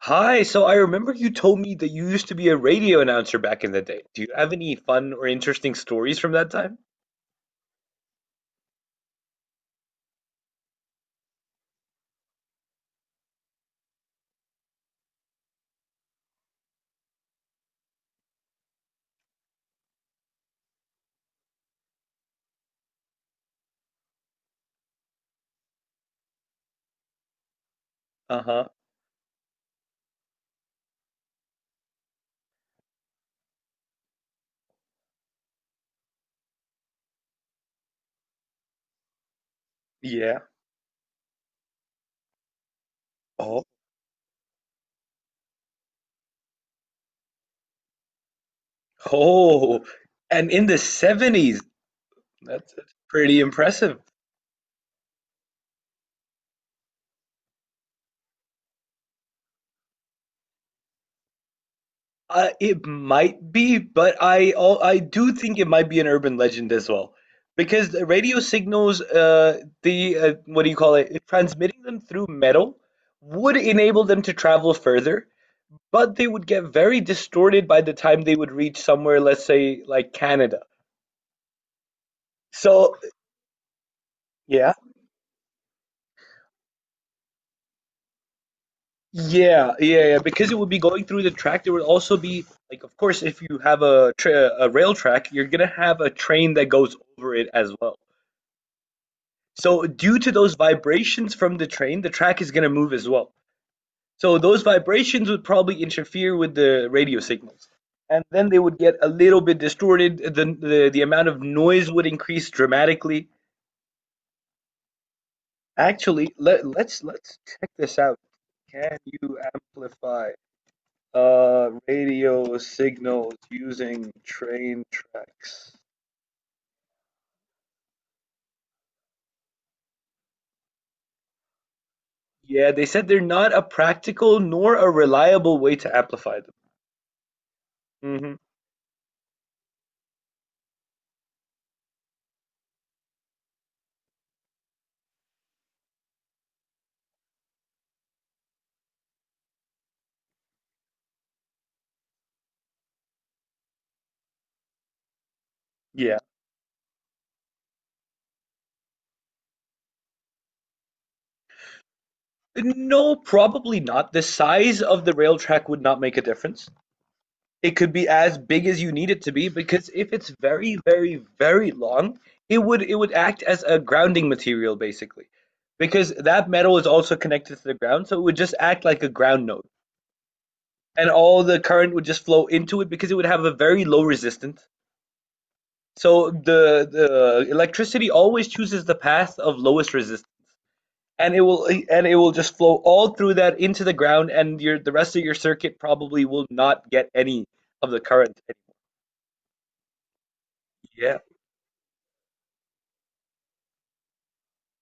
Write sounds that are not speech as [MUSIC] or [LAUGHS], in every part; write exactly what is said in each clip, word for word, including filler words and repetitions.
Hi, so I remember you told me that you used to be a radio announcer back in the day. Do you have any fun or interesting stories from that time? Uh-huh. Yeah. Oh. Oh. And in the seventies. That's that's pretty impressive. Uh, it might be, but I al- I do think it might be an urban legend as well. Because the radio signals, uh, the uh, what do you call it? Transmitting them through metal would enable them to travel further, but they would get very distorted by the time they would reach somewhere, let's say like Canada. So yeah, yeah, yeah, yeah, because it would be going through the track, there would also be, like, of course, if you have a tra a rail track, you're gonna have a train that goes over it as well. So due to those vibrations from the train, the track is gonna move as well. So those vibrations would probably interfere with the radio signals. And then they would get a little bit distorted. The the, the amount of noise would increase dramatically. Actually, let let's let's check this out. Can you amplify uh radio signals using train tracks? Yeah, they said they're not a practical nor a reliable way to amplify them. Hmm. Yeah. No, probably not. The size of the rail track would not make a difference. It could be as big as you need it to be because if it's very, very, very long, it would it would act as a grounding material basically. Because that metal is also connected to the ground, so it would just act like a ground node. And all the current would just flow into it because it would have a very low resistance. So the the electricity always chooses the path of lowest resistance. And it will and it will just flow all through that into the ground and your the rest of your circuit probably will not get any of the current. Yeah.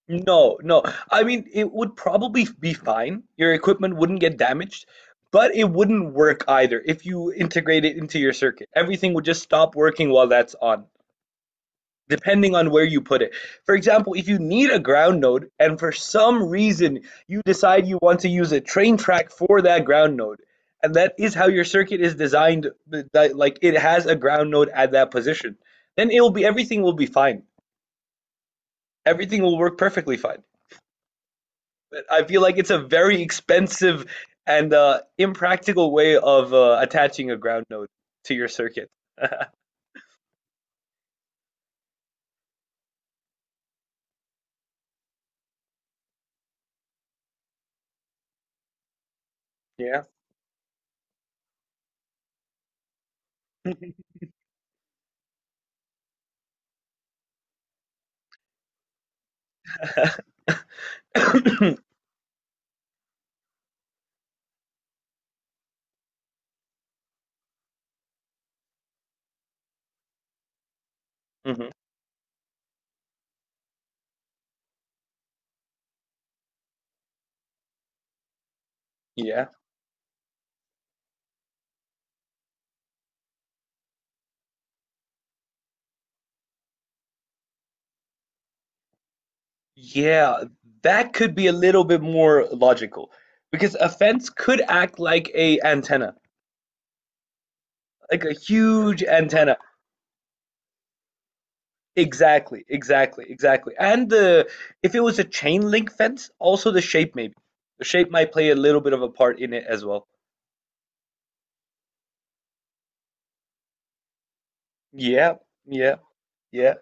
No, no. I mean, it would probably be fine. Your equipment wouldn't get damaged, but it wouldn't work either if you integrate it into your circuit. Everything would just stop working while that's on, depending on where you put it. For example, if you need a ground node and for some reason you decide you want to use a train track for that ground node, and that is how your circuit is designed, that like it has a ground node at that position, then it will be everything will be fine. Everything will work perfectly fine. I feel like it's a very expensive and uh, impractical way of uh, attaching a ground node to your circuit. [LAUGHS] Yeah. Hmm. Yeah. Yeah. That could be a little bit more logical because a fence could act like a antenna, like a huge antenna. Exactly, exactly, exactly. And the, if it was a chain link fence, also the shape maybe. The shape might play a little bit of a part in it as well. Yeah, yeah, yeah.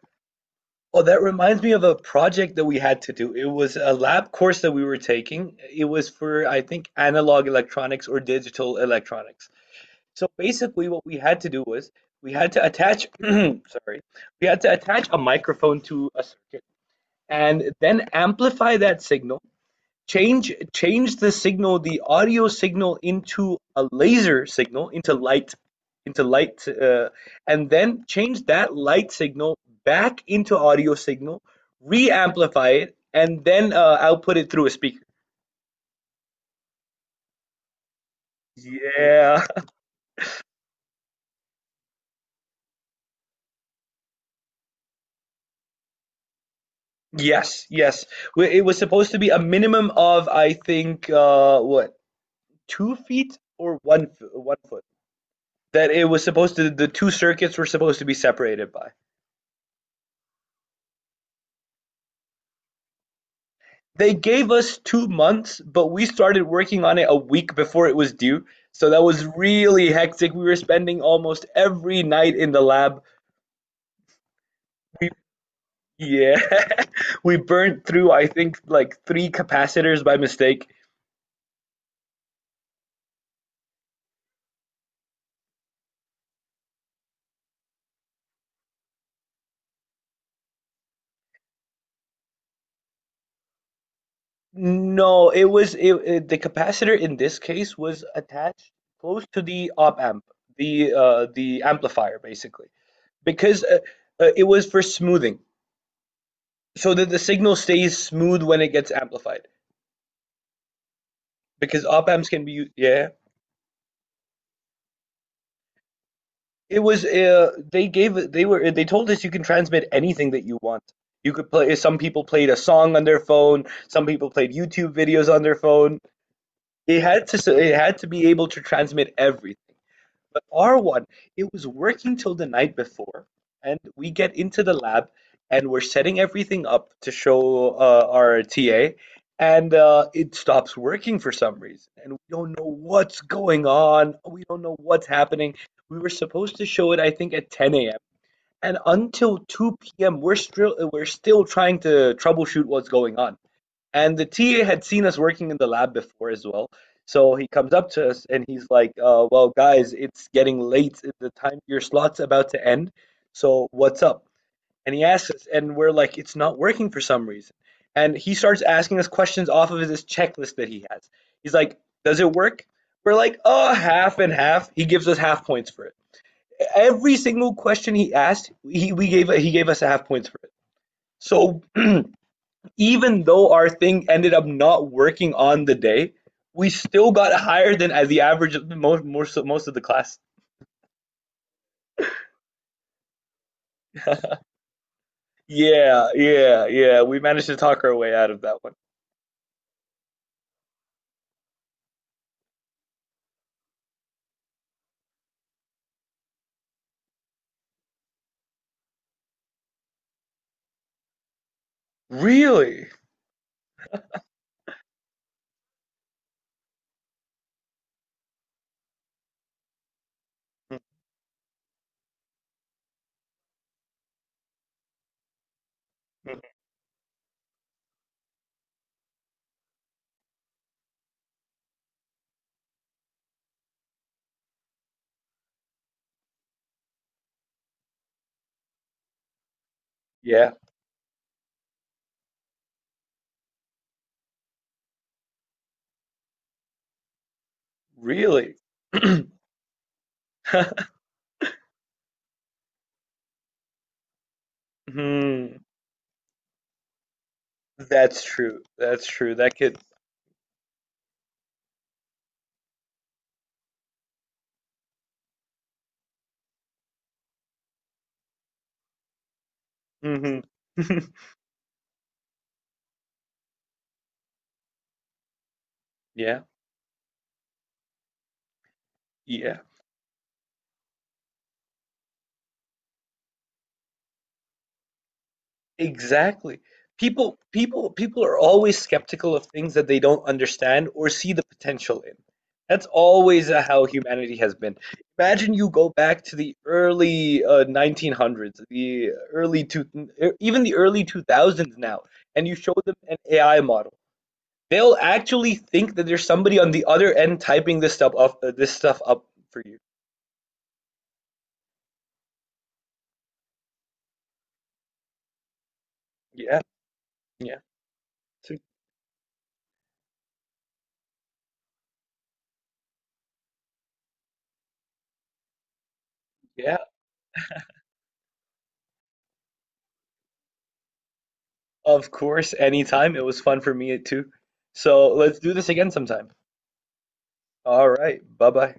Oh, that reminds me of a project that we had to do. It was a lab course that we were taking. It was for, I think, analog electronics or digital electronics. So basically, what we had to do was we had to attach, [CLEARS THROAT] sorry, we had to attach a microphone to a circuit and then amplify that signal, change change the signal, the audio signal, into a laser signal, into light, into light, uh, and then change that light signal back into audio signal, re-amplify it, and then uh, output it through a speaker. Yeah. [LAUGHS] Yes, yes, it was supposed to be a minimum of, I think, uh, what two feet or one one foot, that it was supposed to the two circuits were supposed to be separated by. They gave us two months, but we started working on it a week before it was due, so that was really hectic. We were spending almost every night in the lab. We Yeah. [LAUGHS] We burned through, I think, like three capacitors by mistake. No, it was it, it the capacitor in this case was attached close to the op amp, the uh the amplifier basically, because uh, uh, it was for smoothing, so that the signal stays smooth when it gets amplified. Because op amps can be u- yeah. It was uh, they gave they were they told us you can transmit anything that you want. You could, play some people played a song on their phone, some people played YouTube videos on their phone. It had to it had to be able to transmit everything. But R one, it was working till the night before, and we get into the lab and we're setting everything up to show uh, our T A, and uh, it stops working for some reason. And we don't know what's going on. We don't know what's happening. We were supposed to show it, I think, at ten a m. And until two p m, we're still, we're still trying to troubleshoot what's going on. And the T A had seen us working in the lab before as well. So he comes up to us and he's like, uh, well, guys, it's getting late. The time your slot's about to end. So what's up? And he asks us, and we're like, it's not working for some reason. And he starts asking us questions off of this checklist that he has. He's like, does it work? We're like, oh, half and half. He gives us half points for it. Every single question he asked, he we gave he gave us half points for it. So [CLEARS THROAT] even though our thing ended up not working on the day, we still got higher than, as the average of, most most of, most of the class. [LAUGHS] Yeah, yeah, yeah. We managed to talk our way out of that one. Really? [LAUGHS] Yeah, really. [CLEARS THROAT] Hmm. That's true. That's true. That could. Hmm. [LAUGHS] Yeah, yeah. Exactly. People people people are always skeptical of things that they don't understand or see the potential in. That's always uh, how humanity has been. Imagine you go back to the early uh, nineteen hundreds, the early two, er, even the early two thousands now, and you show them an A I model. They'll actually think that there's somebody on the other end typing this stuff up, uh, this stuff up for you. Yeah, yeah. So, yeah. Of course, anytime. It was fun for me too. So let's do this again sometime. All right. Bye bye.